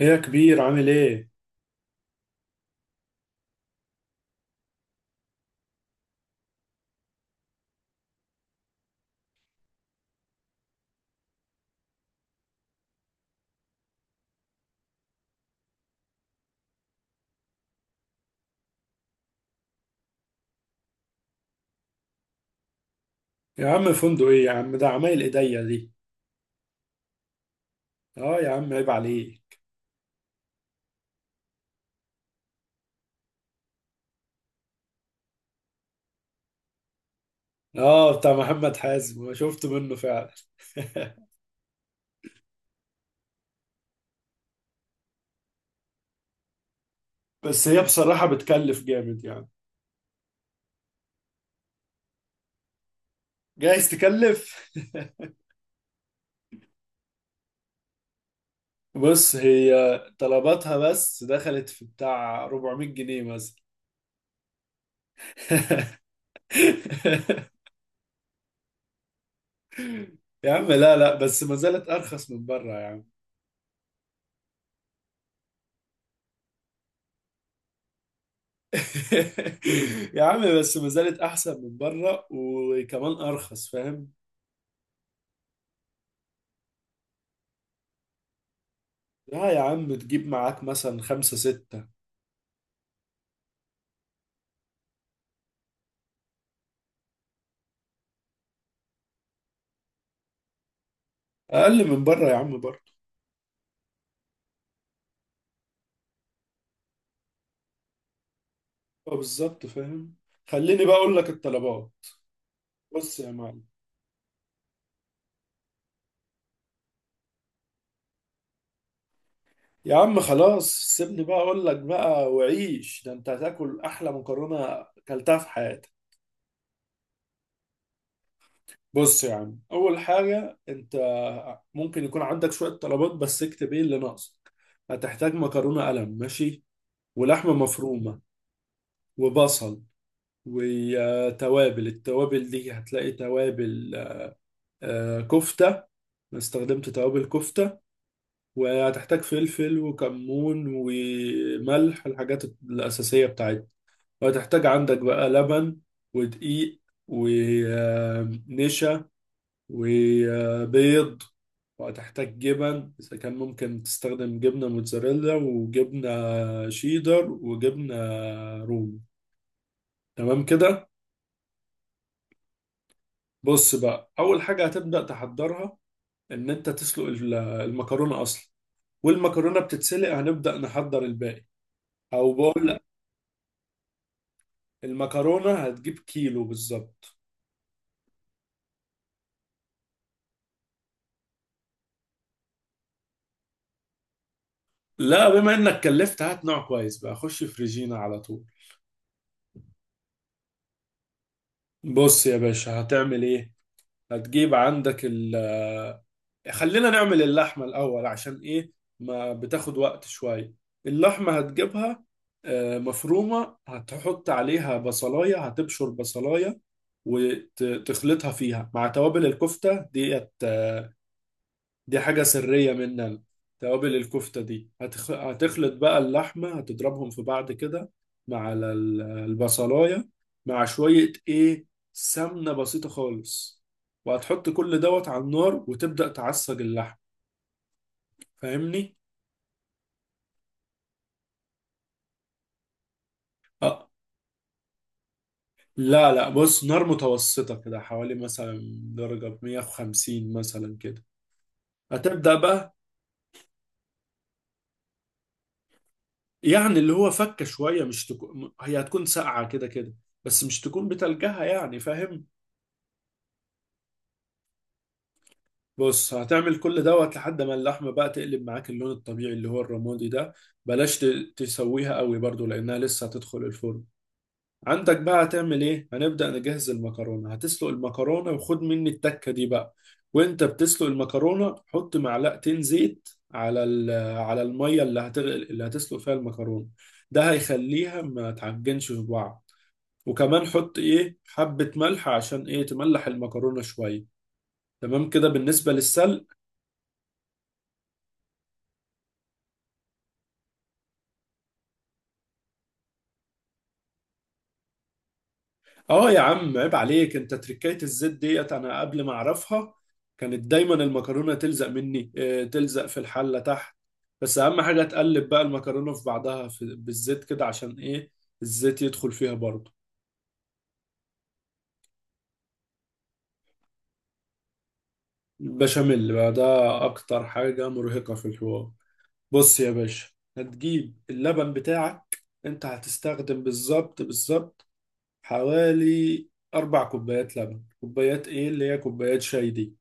ايه يا كبير عامل ايه؟ يا عم فندق ايه يا عم، ده عمايل ايديا دي. اه يا عم عيب عليك. اه بتاع محمد حازم، ما شفت منه فعلا. بس هي بصراحة بتكلف جامد يعني. جايز تكلف. بص، هي طلباتها بس دخلت في بتاع 400 جنيه مثلا. يا عم لا لا، بس ما زالت ارخص من بره يا عم. يا عم بس ما زالت احسن من بره، وكمان ارخص، فاهم. لا يا عم، تجيب معاك مثلا خمسة ستة. أقل من بره يا عم برضه. اه بالظبط، فاهم. خليني بقى أقول لك الطلبات. بص يا معلم. يا عم خلاص، سيبني بقى أقول لك بقى، وعيش، ده أنت هتاكل أحلى مكرونة أكلتها في حياتك. بص يا عم، أول حاجة أنت ممكن يكون عندك شوية طلبات بس، اكتب إيه اللي ناقصك. هتحتاج مكرونة قلم، ماشي، ولحمة مفرومة، وبصل، وتوابل. التوابل دي هتلاقي توابل، كفتة. أنا استخدمت توابل كفتة. وهتحتاج فلفل وكمون وملح، الحاجات الأساسية بتاعتنا. وهتحتاج عندك بقى لبن، ودقيق، ونشا، وبيض. وهتحتاج جبن، إذا كان ممكن تستخدم جبنة موتزاريلا، وجبنة شيدر، وجبنة رومي. تمام كده. بص بقى، أول حاجة هتبدأ تحضرها، إن أنت تسلق المكرونة أصلا. والمكرونة بتتسلق هنبدأ نحضر الباقي. أو بقول لأ. المكرونة هتجيب كيلو بالظبط. لا، بما إنك كلفت، هات نوع كويس بقى، خش في ريجينا على طول. بص يا باشا هتعمل إيه؟ هتجيب عندك خلينا نعمل اللحمة الأول، عشان إيه؟ ما بتاخد وقت شوية. اللحمة هتجيبها مفرومة، هتحط عليها بصلاية، هتبشر بصلاية وتخلطها فيها مع توابل الكفتة ديت. دي حاجة سرية مننا. توابل الكفتة دي هتخلط بقى اللحمة، هتضربهم في بعض كده مع البصلاية، مع شوية ايه، سمنة بسيطة خالص. وهتحط كل دوت على النار وتبدأ تعصج اللحم، فاهمني؟ اه. لا لا، بص، نار متوسطة كده، حوالي مثلا درجة 150 مثلا كده. هتبدأ بقى. يعني اللي هو فكة شوية، مش تكون هي هتكون ساقعة كده كده، بس مش تكون بتلجها، يعني فاهم؟ بص هتعمل كل دوت لحد ما اللحمة بقى تقلب معاك اللون الطبيعي اللي هو الرمادي ده. بلاش تسويها قوي برضو، لأنها لسه هتدخل الفرن. عندك بقى هتعمل إيه؟ هنبدأ نجهز المكرونة، هتسلق المكرونة وخد مني التكة دي بقى. وأنت بتسلق المكرونة حط معلقتين زيت على على المية اللي هتغل اللي هتسلق فيها المكرونة. ده هيخليها ما تعجنش في بعض. وكمان حط إيه حبة ملح، عشان إيه، تملح المكرونة شوية. تمام كده بالنسبة للسلق. اه يا عم عيب عليك. انت تركاية الزيت ديت، انا قبل ما اعرفها كانت دايما المكرونة تلزق مني، تلزق في الحلة تحت. بس اهم حاجة تقلب بقى المكرونة في بعضها في بالزيت كده، عشان ايه، الزيت يدخل فيها برضه. البشاميل بقى ده اكتر حاجة مرهقة في الحوار. بص يا باشا، هتجيب اللبن بتاعك. انت هتستخدم بالظبط بالظبط حوالي اربع كوبايات لبن، كوبايات ايه اللي هي كوبايات شاي دي.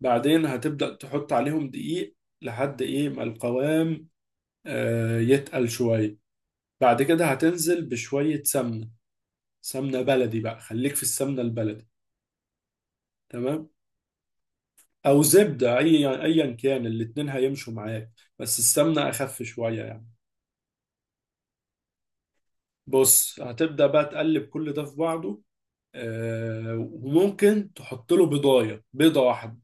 بعدين هتبدأ تحط عليهم دقيق لحد ايه ما القوام يتقل شوية. بعد كده هتنزل بشوية سمنة. سمنة بلدي بقى، خليك في السمنة البلدي. تمام، او زبدة، اي ايا كان الاتنين هيمشوا معاك. بس السمنة اخف شوية يعني. بص هتبدأ بقى تقلب كل ده في بعضه. وممكن تحط له بيضاية، بيضة واحدة.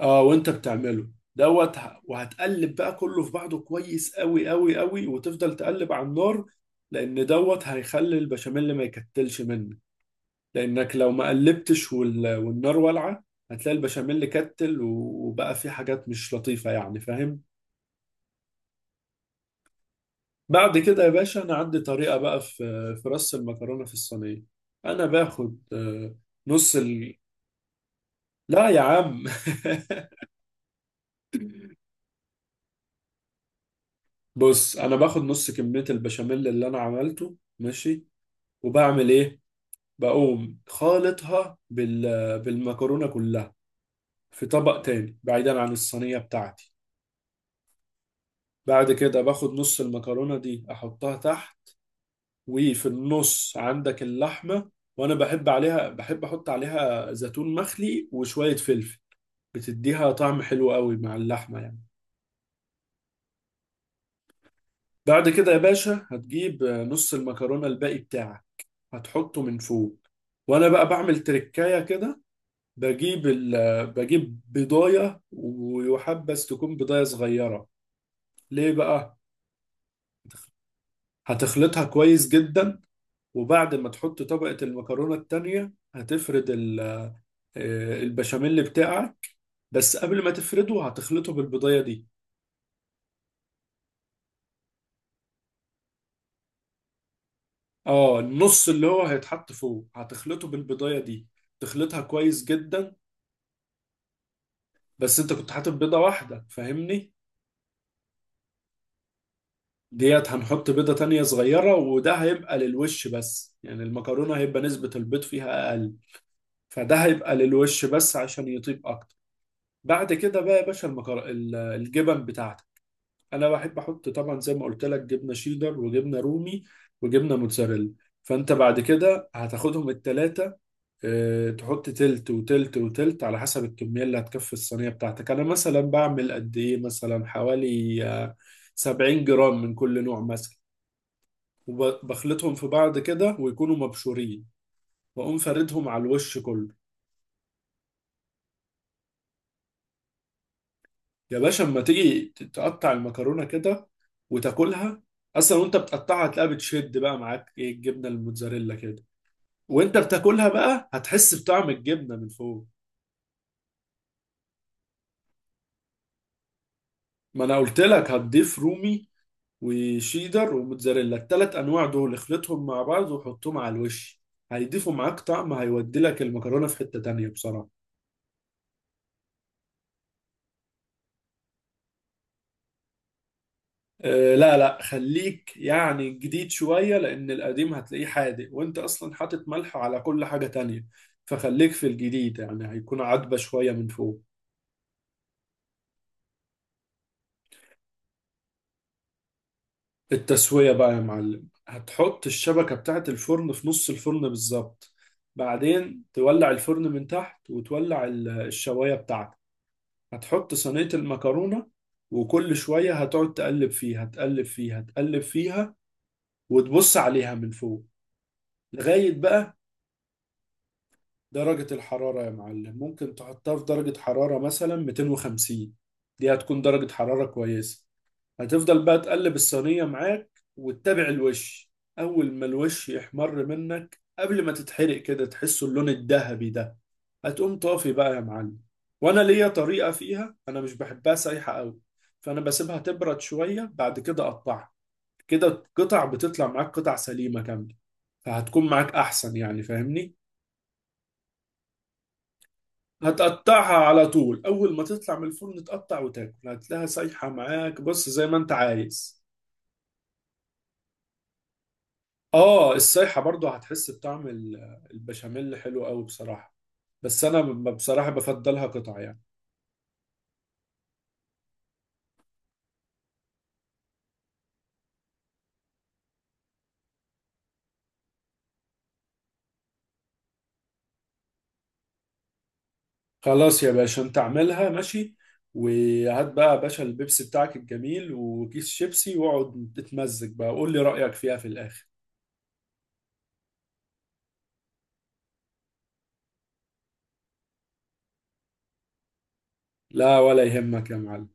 اه وانت بتعمله دوت، وهتقلب بقى كله في بعضه كويس قوي قوي قوي، وتفضل تقلب على النار، لان دوت هيخلي البشاميل ما يكتلش منك. لانك لو ما قلبتش والنار والعه، هتلاقي البشاميل كتل وبقى فيه حاجات مش لطيفه، يعني فاهم. بعد كده يا باشا، انا عندي طريقه بقى في رص المكرونه في الصينيه. انا باخد نص لا يا عم بص انا باخد نص كميه البشاميل اللي انا عملته، ماشي، وبعمل ايه؟ بقوم خالطها بالمكرونه كلها في طبق تاني بعيدا عن الصينيه بتاعتي. بعد كده باخد نص المكرونه دي احطها تحت. وفي النص عندك اللحمه. وانا بحب احط عليها زيتون مخلي وشويه فلفل. بتديها طعم حلو قوي مع اللحمه يعني. بعد كده يا باشا هتجيب نص المكرونه الباقي بتاعك، هتحطه من فوق. وانا بقى بعمل تركايه كده. بجيب ال... بجيب بضاية، ويحبذ تكون بضاية صغيرة. ليه بقى؟ هتخلطها كويس جدا، وبعد ما تحط طبقة المكرونة التانية هتفرد ال... آه، البشاميل بتاعك. بس قبل ما تفرده هتخلطه بالبضاية دي. اه، النص اللي هو هيتحط فوق هتخلطه بالبضاية دي. تخلطها كويس جدا. بس انت كنت حاطط بيضة واحدة، فاهمني؟ ديت هنحط بيضة تانية صغيرة، وده هيبقى للوش بس، يعني المكرونة هيبقى نسبة البيض فيها أقل، فده هيبقى للوش بس عشان يطيب اكتر. بعد كده بقى يا باشا الجبن بتاعتك. انا بحب احط طبعا زي ما قلت لك جبنه شيدر، وجبنه رومي، وجبنه موتزاريلا. فانت بعد كده هتاخدهم التلاتة. اه، تحط تلت وتلت وتلت على حسب الكميه اللي هتكفي الصينيه بتاعتك. انا مثلا بعمل قد ايه، مثلا حوالي 70 جرام من كل نوع مثلا. وبخلطهم في بعض كده ويكونوا مبشورين، واقوم فاردهم على الوش كله. يا باشا اما تيجي تقطع المكرونه كده وتاكلها، اصلا وانت بتقطعها هتلاقيها بتشد بقى معاك ايه الجبنه الموتزاريلا كده، وانت بتاكلها بقى هتحس بطعم الجبنه من فوق. ما انا قلت لك هتضيف رومي وشيدر وموتزاريلا، التلات انواع دول اخلطهم مع بعض وحطهم على الوش. هيضيفوا معاك طعم هيودي لك المكرونه في حته تانيه بصراحه. لا لا، خليك يعني جديد شوية، لأن القديم هتلاقيه حادق وأنت أصلا حاطط ملح على كل حاجة تانية. فخليك في الجديد، يعني هيكون عدبة شوية من فوق. التسوية بقى يا معلم، هتحط الشبكة بتاعة الفرن في نص الفرن بالظبط. بعدين تولع الفرن من تحت وتولع الشواية بتاعتك. هتحط صينية المكرونة، وكل شوية هتقعد تقلب فيها تقلب فيها تقلب فيها، وتبص عليها من فوق لغاية بقى. درجة الحرارة يا معلم ممكن تحطها في درجة حرارة مثلا 250. دي هتكون درجة حرارة كويسة. هتفضل بقى تقلب الصينية معاك وتتابع الوش. أول ما الوش يحمر منك قبل ما تتحرق كده، تحسه اللون الذهبي ده، هتقوم طافي بقى يا معلم. وأنا ليا طريقة فيها، أنا مش بحبها سايحة أوي، فأنا بسيبها تبرد شوية بعد كده أقطعها. كده القطع بتطلع معاك قطع سليمة كاملة، فهتكون معاك أحسن، يعني فاهمني. هتقطعها على طول، اول ما تطلع من الفرن تقطع وتاكل هتلاقيها سايحه معاك، بص زي ما انت عايز. اه، السايحه برضو هتحس بطعم البشاميل حلو قوي بصراحه. بس انا بصراحه بفضلها قطع يعني. خلاص يا باشا، انت اعملها ماشي. وهات بقى يا باشا البيبسي بتاعك الجميل وكيس شيبسي واقعد تتمزج بقى، قول لي رايك فيها في الاخر. لا، ولا يهمك يا معلم.